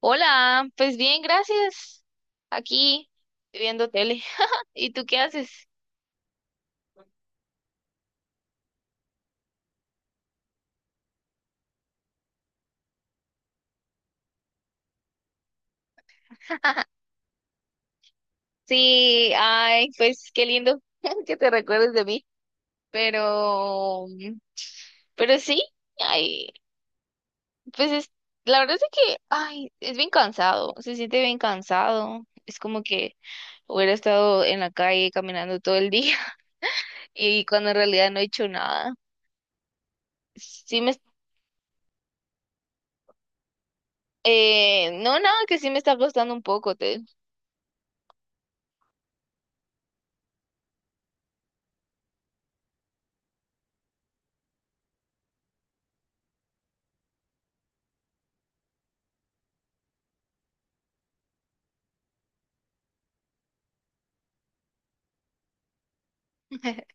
Hola, pues bien, gracias. Aquí viendo tele. ¿Y tú qué haces? Sí, ay, pues qué lindo que te recuerdes de mí. Pero, pero sí, ay, pues es, la verdad es que, ay, es bien cansado, se siente bien cansado. Es como que hubiera estado en la calle caminando todo el día y cuando en realidad no he hecho nada. Sí me, no, nada, que sí me está costando un poco, te.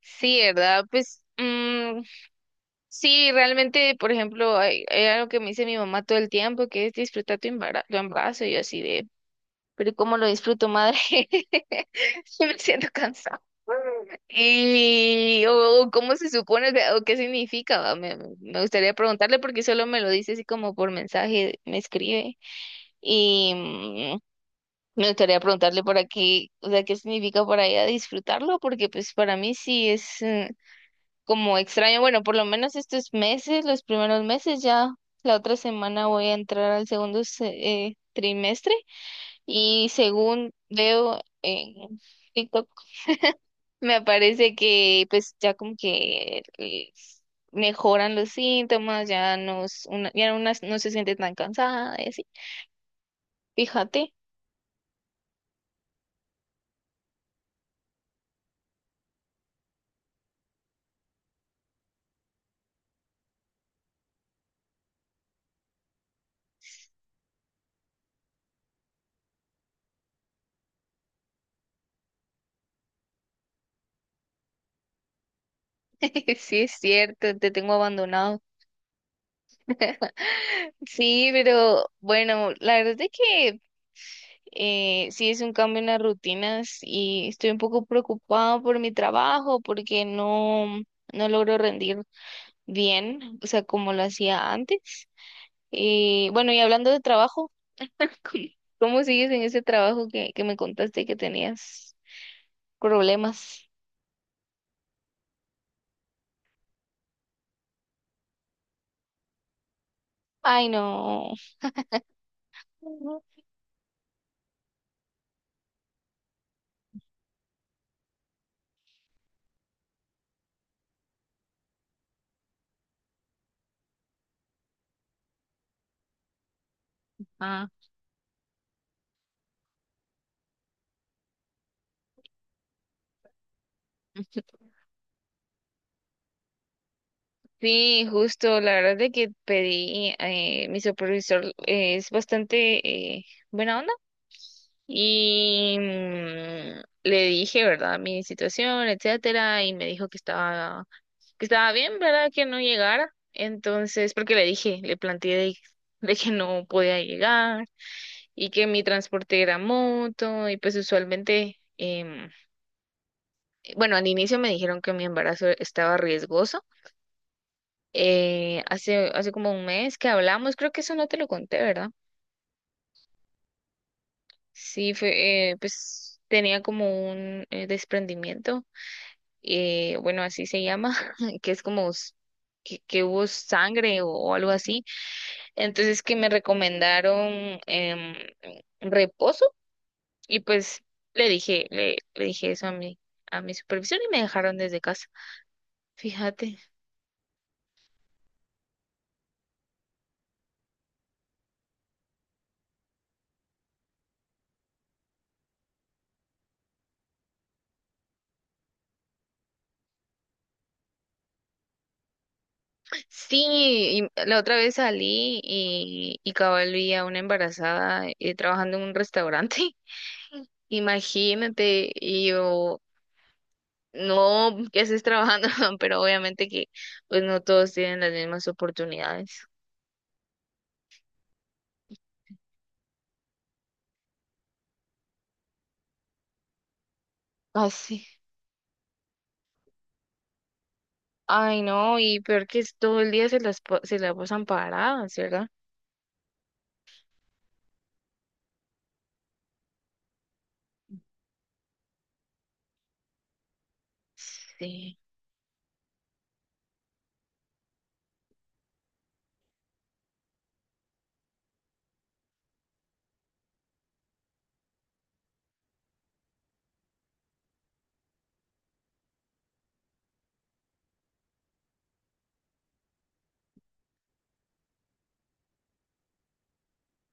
Sí, ¿verdad? Sí, realmente, por ejemplo, hay algo que me dice mi mamá todo el tiempo, que es disfrutar tu embarazo, y yo así de, pero ¿cómo lo disfruto, madre? Yo me siento cansada. O cómo se supone, o sea, o qué significa, va. Me gustaría preguntarle porque solo me lo dice así como por mensaje, me escribe. Y mm, Me gustaría preguntarle por aquí, o sea, qué significa para ella disfrutarlo, porque pues para mí sí es, como extraño. Bueno, por lo menos estos meses, los primeros meses, ya la otra semana voy a entrar al segundo, trimestre, y según veo en TikTok, me aparece que pues ya como que mejoran los síntomas, ya no, ya una no se siente tan cansada y así. Fíjate. Sí, es cierto, te tengo abandonado. Sí, pero bueno, la verdad es de que, sí, es un cambio en las rutinas y estoy un poco preocupada por mi trabajo porque no logro rendir bien, o sea, como lo hacía antes. Y bueno, y hablando de trabajo, ¿cómo cómo sigues en ese trabajo que me contaste que tenías problemas? Ay, no. Ah. Sí, justo, la verdad de que pedí, mi supervisor es bastante buena onda. Le dije, ¿verdad?, mi situación, etcétera, y me dijo que estaba bien, ¿verdad? Que no llegara. Entonces, porque le dije, le planteé de que no podía llegar y que mi transporte era moto y pues usualmente, bueno, al inicio me dijeron que mi embarazo estaba riesgoso. Hace como un mes que hablamos, creo que eso no te lo conté, ¿verdad? Sí, fue, pues tenía como un desprendimiento, bueno, así se llama, que es como s- que hubo sangre o algo así. Entonces, que me recomendaron reposo y pues le dije, le dije eso a mi supervisor, y me dejaron desde casa. Fíjate. Sí, y la otra vez salí y cabal vi a una embarazada trabajando en un restaurante. Imagínate, y yo, no que estés trabajando, pero obviamente que pues no todos tienen las mismas oportunidades. Así. Ay, no, y peor que es todo el día se la pasan paradas, ¿verdad? Sí.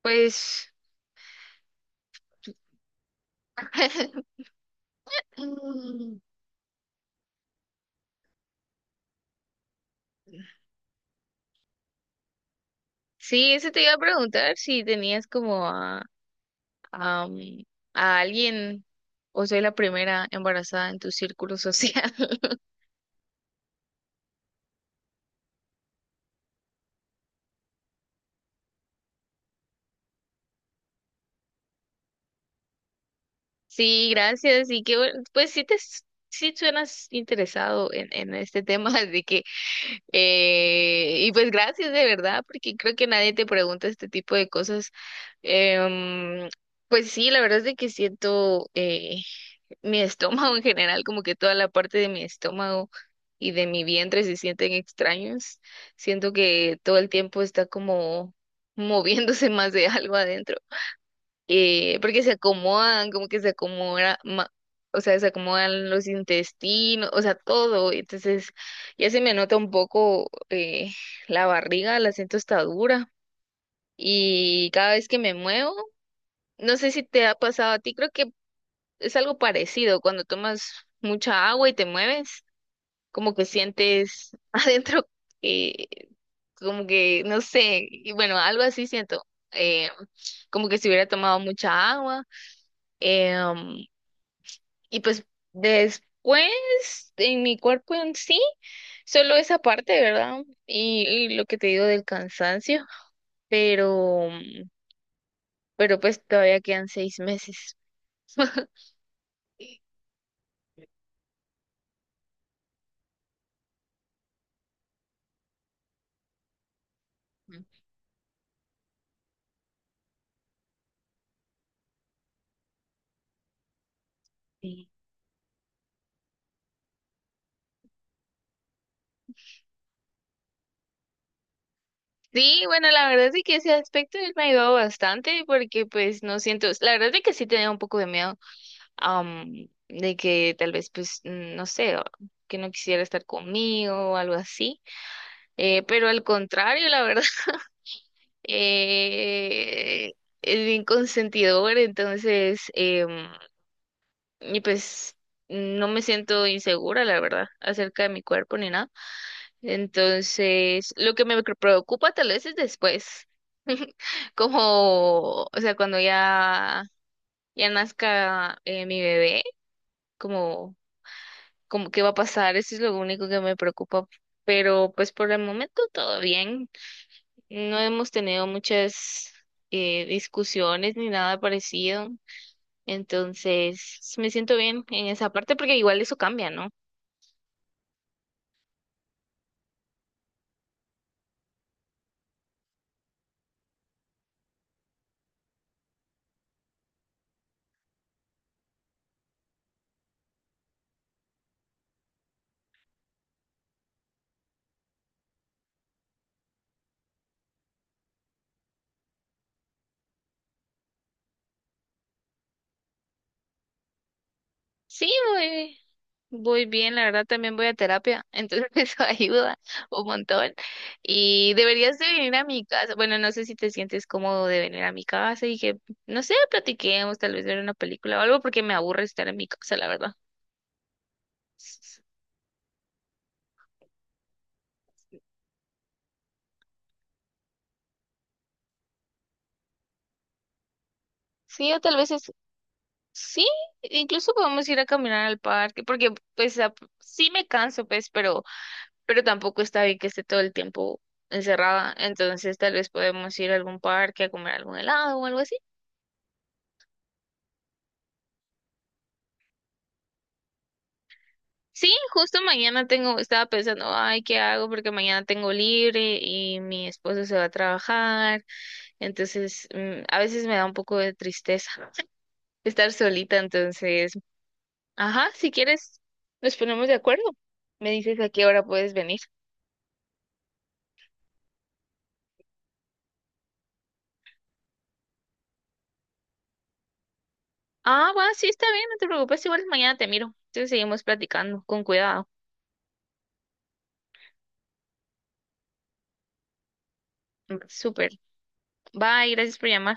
Pues sí, eso te iba a preguntar si tenías como a, mm, a alguien o soy la primera embarazada en tu círculo social. Sí, gracias. Y que bueno, pues sí suenas interesado en este tema, así que y pues gracias de verdad, porque creo que nadie te pregunta este tipo de cosas. Em, pues sí, la verdad es de que siento, mi estómago en general, como que toda la parte de mi estómago y de mi vientre se sienten extraños. Siento que todo el tiempo está como moviéndose más de algo adentro, porque se acomodan, como que se acomoda, ma- o sea, se acomodan los intestinos, o sea, todo. Entonces, ya se me nota un poco, la barriga, la siento está dura. Y cada vez que me muevo, no sé si te ha pasado a ti, creo que es algo parecido, cuando tomas mucha agua y te mueves, como que sientes adentro, eh, como que, no sé, y bueno, algo así siento. eh, Como que si hubiera tomado mucha agua, em, y pues después en mi cuerpo en sí, solo esa parte, ¿verdad? Y lo que te digo del cansancio, pero, pero pues todavía quedan 6 meses. Ujú. Sí. Sí, bueno, la verdad es que ese aspecto él me ha ayudado bastante, porque pues no siento, la verdad es que sí tenía un poco de miedo, de que tal vez no sé, o que no quisiera estar conmigo o algo así, pero al contrario, la verdad, eh, es bien consentidor, entonces, y pues no me siento insegura, la verdad, acerca de mi cuerpo ni nada. Entonces, lo que preocupa tal vez es después, como, o sea, cuando ya, ya nazca, mi bebé, como, como qué va a pasar, eso es lo único que me preocupa. Pero pues por el momento todo bien. No hemos tenido muchas discusiones ni nada parecido. Entonces, me siento bien en esa parte porque igual eso cambia, ¿no? Sí, voy bien, la verdad también voy a terapia, entonces eso ayuda un montón. Y deberías de venir a mi casa, bueno, no sé si te sientes cómodo de venir a mi casa y que, no sé, platiquemos, tal vez ver una película o algo, porque me aburre estar en mi casa, la verdad. S- Sí, o tal vez es, sí, incluso podemos ir a caminar al parque porque pues a- sí me canso, pues, pero tampoco está bien que esté todo el tiempo encerrada. Entonces, tal vez podemos ir a algún parque a comer algún helado o algo así. Sí, justo mañana tengo, estaba pensando, ay, ¿qué hago? Porque mañana tengo libre y mi esposo se va a trabajar. Entonces, a veces me da un poco de tristeza estar solita. Entonces, ajá, si quieres, nos ponemos de acuerdo. Me dices a qué hora puedes venir. Ah, va, sí, está bien, no te preocupes, igual mañana te miro. Entonces seguimos platicando, con cuidado. Súper. Bye, gracias por llamar.